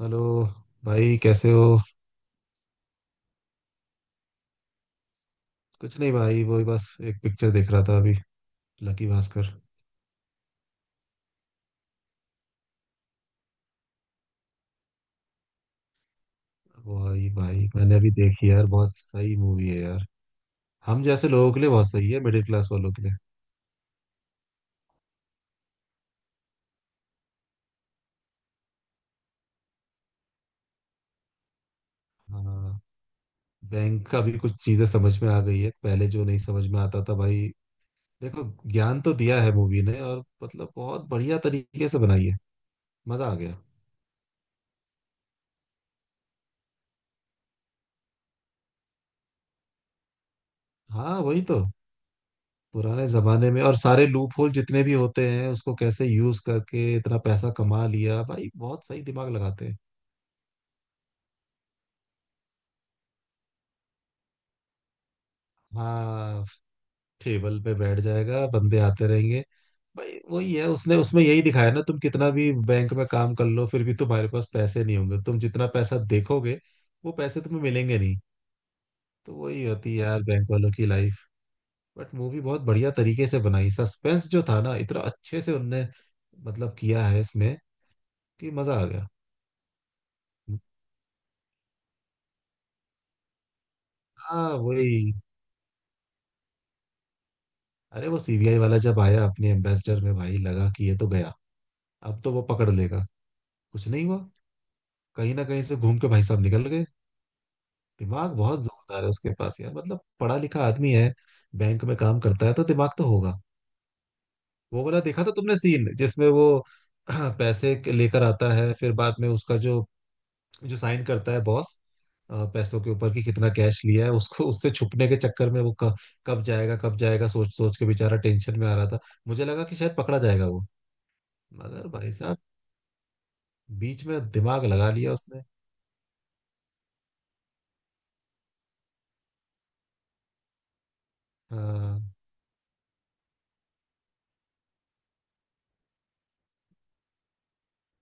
Hello. भाई, कैसे हो? कुछ नहीं भाई, वही बस एक पिक्चर देख रहा था अभी। लकी भास्कर। वही भाई, मैंने अभी देखी यार, बहुत सही मूवी है यार। हम जैसे लोगों के लिए बहुत सही है, मिडिल क्लास वालों के लिए। हाँ। बैंक का भी कुछ चीजें समझ में आ गई है, पहले जो नहीं समझ में आता था भाई। देखो, ज्ञान तो दिया है मूवी ने, और मतलब बहुत बढ़िया तरीके से बनाई है। मजा आ गया। हाँ वही तो। पुराने जमाने में और सारे लूप होल जितने भी होते हैं उसको कैसे यूज करके इतना पैसा कमा लिया भाई, बहुत सही दिमाग लगाते हैं। हाँ। टेबल पे बैठ जाएगा, बंदे आते रहेंगे। भाई वही है, उसने उसमें यही दिखाया ना, तुम कितना भी बैंक में काम कर लो फिर भी तुम्हारे पास पैसे नहीं होंगे। तुम जितना पैसा देखोगे वो पैसे तुम्हें मिलेंगे नहीं। तो वही होती है यार बैंक वालों की लाइफ। बट मूवी बहुत बढ़िया तरीके से बनाई, सस्पेंस जो था ना इतना अच्छे से उनने मतलब किया है इसमें कि मजा आ गया। हाँ वही। अरे वो सीबीआई वाला जब आया अपने एम्बेसडर में, भाई लगा कि ये तो गया। अब तो वो पकड़ लेगा। कुछ नहीं हुआ। कहीं ना कहीं से घूम के भाई साहब निकल गए। दिमाग बहुत जोरदार है उसके पास यार, मतलब पढ़ा लिखा आदमी है, बैंक में काम करता है तो दिमाग तो होगा। वो वाला देखा था तुमने सीन जिसमें वो लेकर आता है, फिर बाद में उसका जो जो साइन करता है बॉस, पैसों के ऊपर कि कितना कैश लिया है उसको, उससे छुपने के चक्कर में कब जाएगा सोच सोच के बेचारा टेंशन में आ रहा था। मुझे लगा कि शायद पकड़ा जाएगा वो। मगर भाई साहब बीच में दिमाग लगा लिया उसने। हाँ।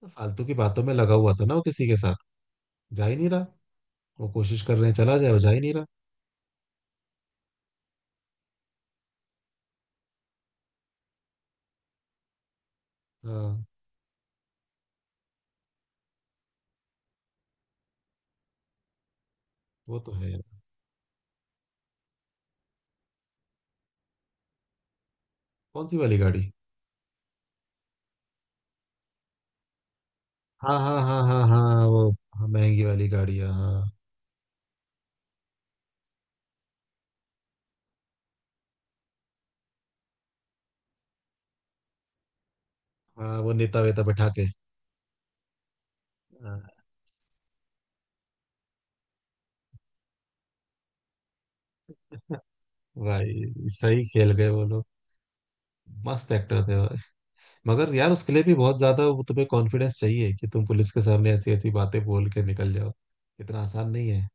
तो फालतू की बातों में लगा हुआ था ना वो किसी के साथ, जा ही नहीं रहा। वो कोशिश कर रहे हैं चला जाए, वो जा ही नहीं रहा। हाँ वो तो है यार। कौन सी वाली गाड़ी? हाँ, हाँ, हाँ, हाँ, हाँ वो, हाँ, महंगी वाली गाड़ी है, हाँ। हाँ वो नेता वेता बैठा के। हाँ, भाई सही खेल गए वो लोग। मस्त एक्टर थे वो। मगर यार उसके लिए भी बहुत ज्यादा वो तुम्हें कॉन्फिडेंस चाहिए कि तुम पुलिस के सामने ऐसी ऐसी बातें बोल के निकल जाओ। इतना आसान नहीं है।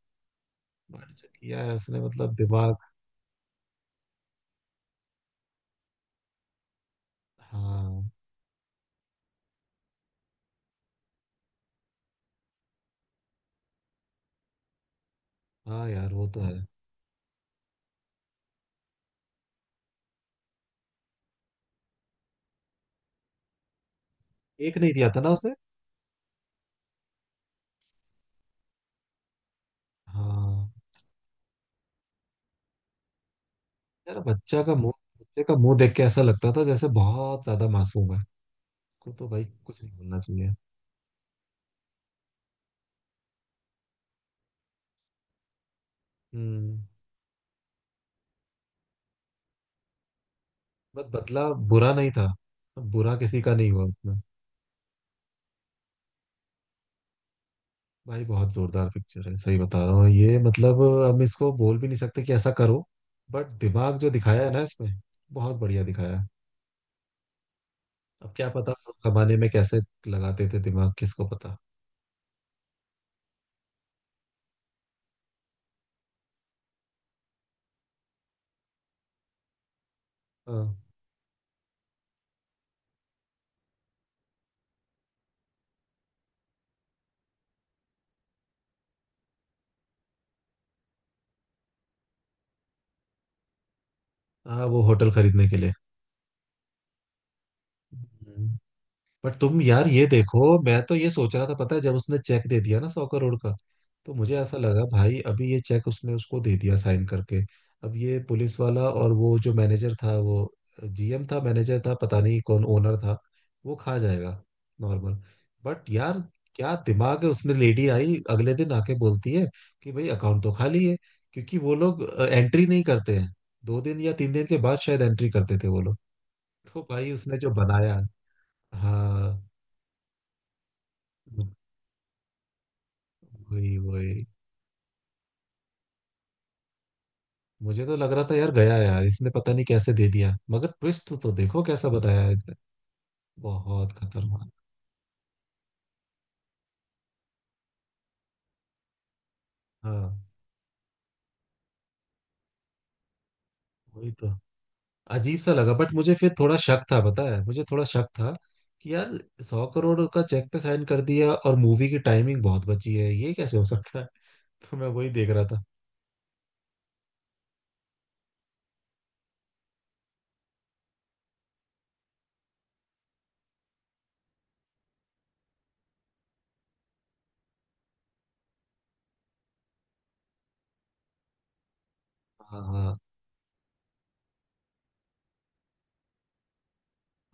बट जो किया है उसने मतलब दिमाग। हाँ। हाँ यार वो तो है। एक नहीं दिया था ना उसे। हाँ। यार बच्चा का मुंह, बच्चे का मुंह देख के ऐसा लगता था जैसे बहुत ज्यादा मासूम है, को तो भाई कुछ नहीं बोलना चाहिए। हम्म। बट बदला बुरा नहीं था। बुरा किसी का नहीं हुआ उसमें। भाई बहुत जोरदार पिक्चर है, सही बता रहा हूँ ये, मतलब हम इसको बोल भी नहीं सकते कि ऐसा करो। बट दिमाग जो दिखाया है ना इसमें, बहुत बढ़िया दिखाया है। अब क्या पता उस जमाने में कैसे लगाते थे दिमाग, किसको पता। हाँ। हाँ वो होटल खरीदने के लिए। हम्म। बट तुम यार ये देखो, मैं तो ये सोच रहा था पता है, जब उसने चेक दे दिया ना 100 करोड़ का, तो मुझे ऐसा लगा भाई अभी ये चेक उसने उसको दे दिया साइन करके, अब ये पुलिस वाला और वो जो मैनेजर था वो, जीएम था मैनेजर था पता नहीं कौन ओनर था, वो खा जाएगा नॉर्मल। बट यार क्या दिमाग है उसने, लेडी आई अगले दिन आके बोलती है कि भाई अकाउंट तो खाली है। क्योंकि वो लोग एंट्री नहीं करते हैं, 2 दिन या 3 दिन के बाद शायद एंट्री करते थे वो लोग। तो भाई उसने जो बनाया। हाँ वही वही। मुझे तो लग रहा था यार गया यार, इसने पता नहीं कैसे दे दिया, मगर ट्विस्ट तो देखो कैसा बताया है इसने। बहुत खतरनाक। हाँ वही तो। अजीब सा लगा बट मुझे फिर थोड़ा शक था, पता है मुझे थोड़ा शक था कि यार 100 करोड़ का चेक पे साइन कर दिया और मूवी की टाइमिंग बहुत बची है, ये कैसे हो सकता है? तो मैं वही देख रहा था। हाँ हाँ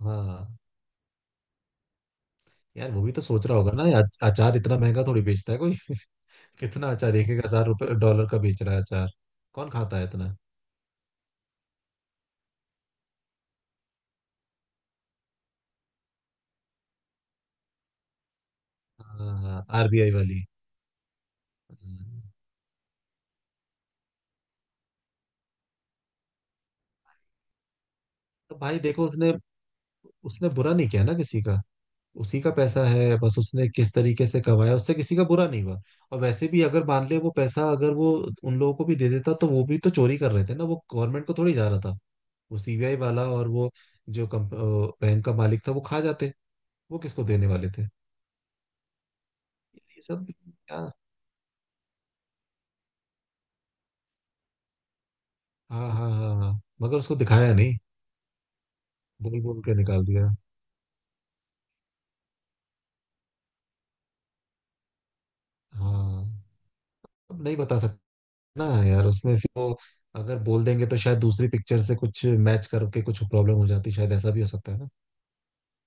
हाँ। यार वो भी तो सोच रहा होगा ना, यार अचार इतना महंगा थोड़ी बेचता है कोई। कितना अचार, एक एक हजार रुपये डॉलर का बेच रहा है अचार, कौन खाता है इतना। हाँ आरबीआई वाली। हाँ। तो भाई देखो उसने, उसने बुरा नहीं किया ना किसी का। उसी का पैसा है, बस उसने किस तरीके से कमाया उससे किसी का बुरा नहीं हुआ। और वैसे भी अगर मान ले वो पैसा अगर वो उन लोगों को भी दे देता तो वो भी तो चोरी कर रहे थे ना, वो गवर्नमेंट को थोड़ी जा रहा था। वो सीबीआई वाला और वो जो बैंक का मालिक था, वो खा जाते। वो किसको देने वाले थे? ये सब। क्या? हाँ, हाँ, हाँ, हाँ। मगर उसको दिखाया नहीं, बोल बोल के निकाल दिया। हाँ। अब नहीं बता सकते ना यार उसने फिर वो, अगर बोल देंगे तो शायद दूसरी पिक्चर से कुछ मैच करके कुछ प्रॉब्लम हो जाती, शायद ऐसा भी हो सकता है ना।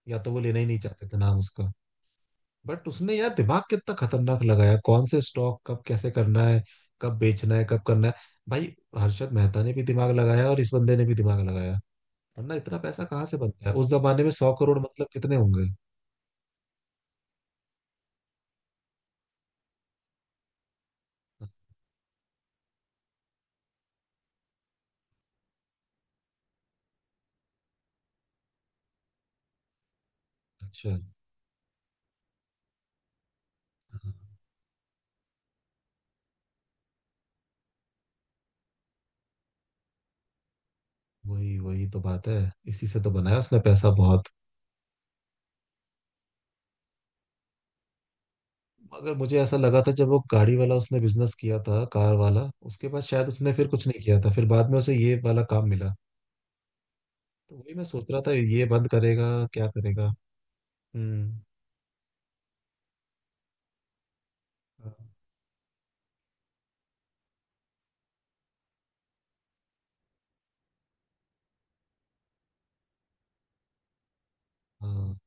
या तो वो लेना ही नहीं चाहते थे नाम उसका। बट उसने यार दिमाग कितना खतरनाक लगाया, कौन से स्टॉक कब कैसे करना है, कब बेचना है कब करना है। भाई हर्षद मेहता ने भी दिमाग लगाया और इस बंदे ने भी दिमाग लगाया, वरना इतना पैसा कहाँ से बनता है उस जमाने में, 100 करोड़ मतलब कितने होंगे। अच्छा। हाँ, वही वही तो बात है। इसी से तो बनाया उसने पैसा बहुत। मगर मुझे ऐसा लगा था जब वो गाड़ी वाला उसने बिजनेस किया था कार वाला, उसके बाद शायद उसने फिर कुछ नहीं किया था, फिर बाद में उसे ये वाला काम मिला। तो वही मैं सोच रहा था, ये बंद करेगा क्या करेगा। हम्म। हाँ। हाँ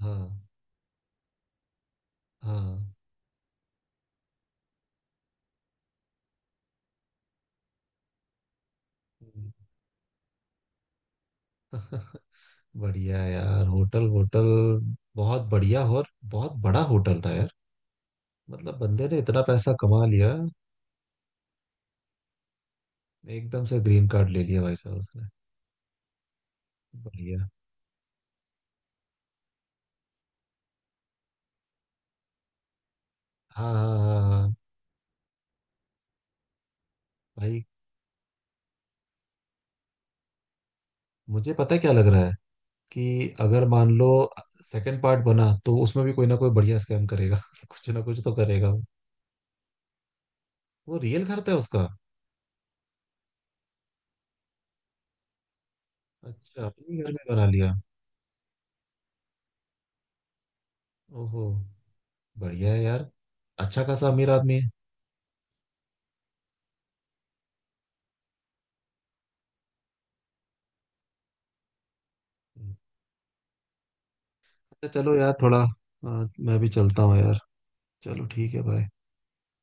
हाँ हाँ। हम्म। बढ़िया यार, होटल होटल बहुत बढ़िया। और बहुत बड़ा होटल था यार, मतलब बंदे ने इतना पैसा कमा लिया। एकदम से ग्रीन कार्ड ले लिया भाई साहब उसने। बढ़िया। हाँ हाँ हाँ हाँ हाँ। भाई मुझे पता है क्या लग रहा है, कि अगर मान लो सेकंड पार्ट बना तो उसमें भी कोई ना कोई बढ़िया स्कैम करेगा। कुछ ना कुछ तो करेगा वो। वो रियल घर था उसका। अच्छा, अपने घर में बना लिया। ओहो। बढ़िया है यार। अच्छा खासा अमीर आदमी है। अच्छा चलो यार, थोड़ा मैं भी चलता हूँ यार। चलो ठीक है भाई।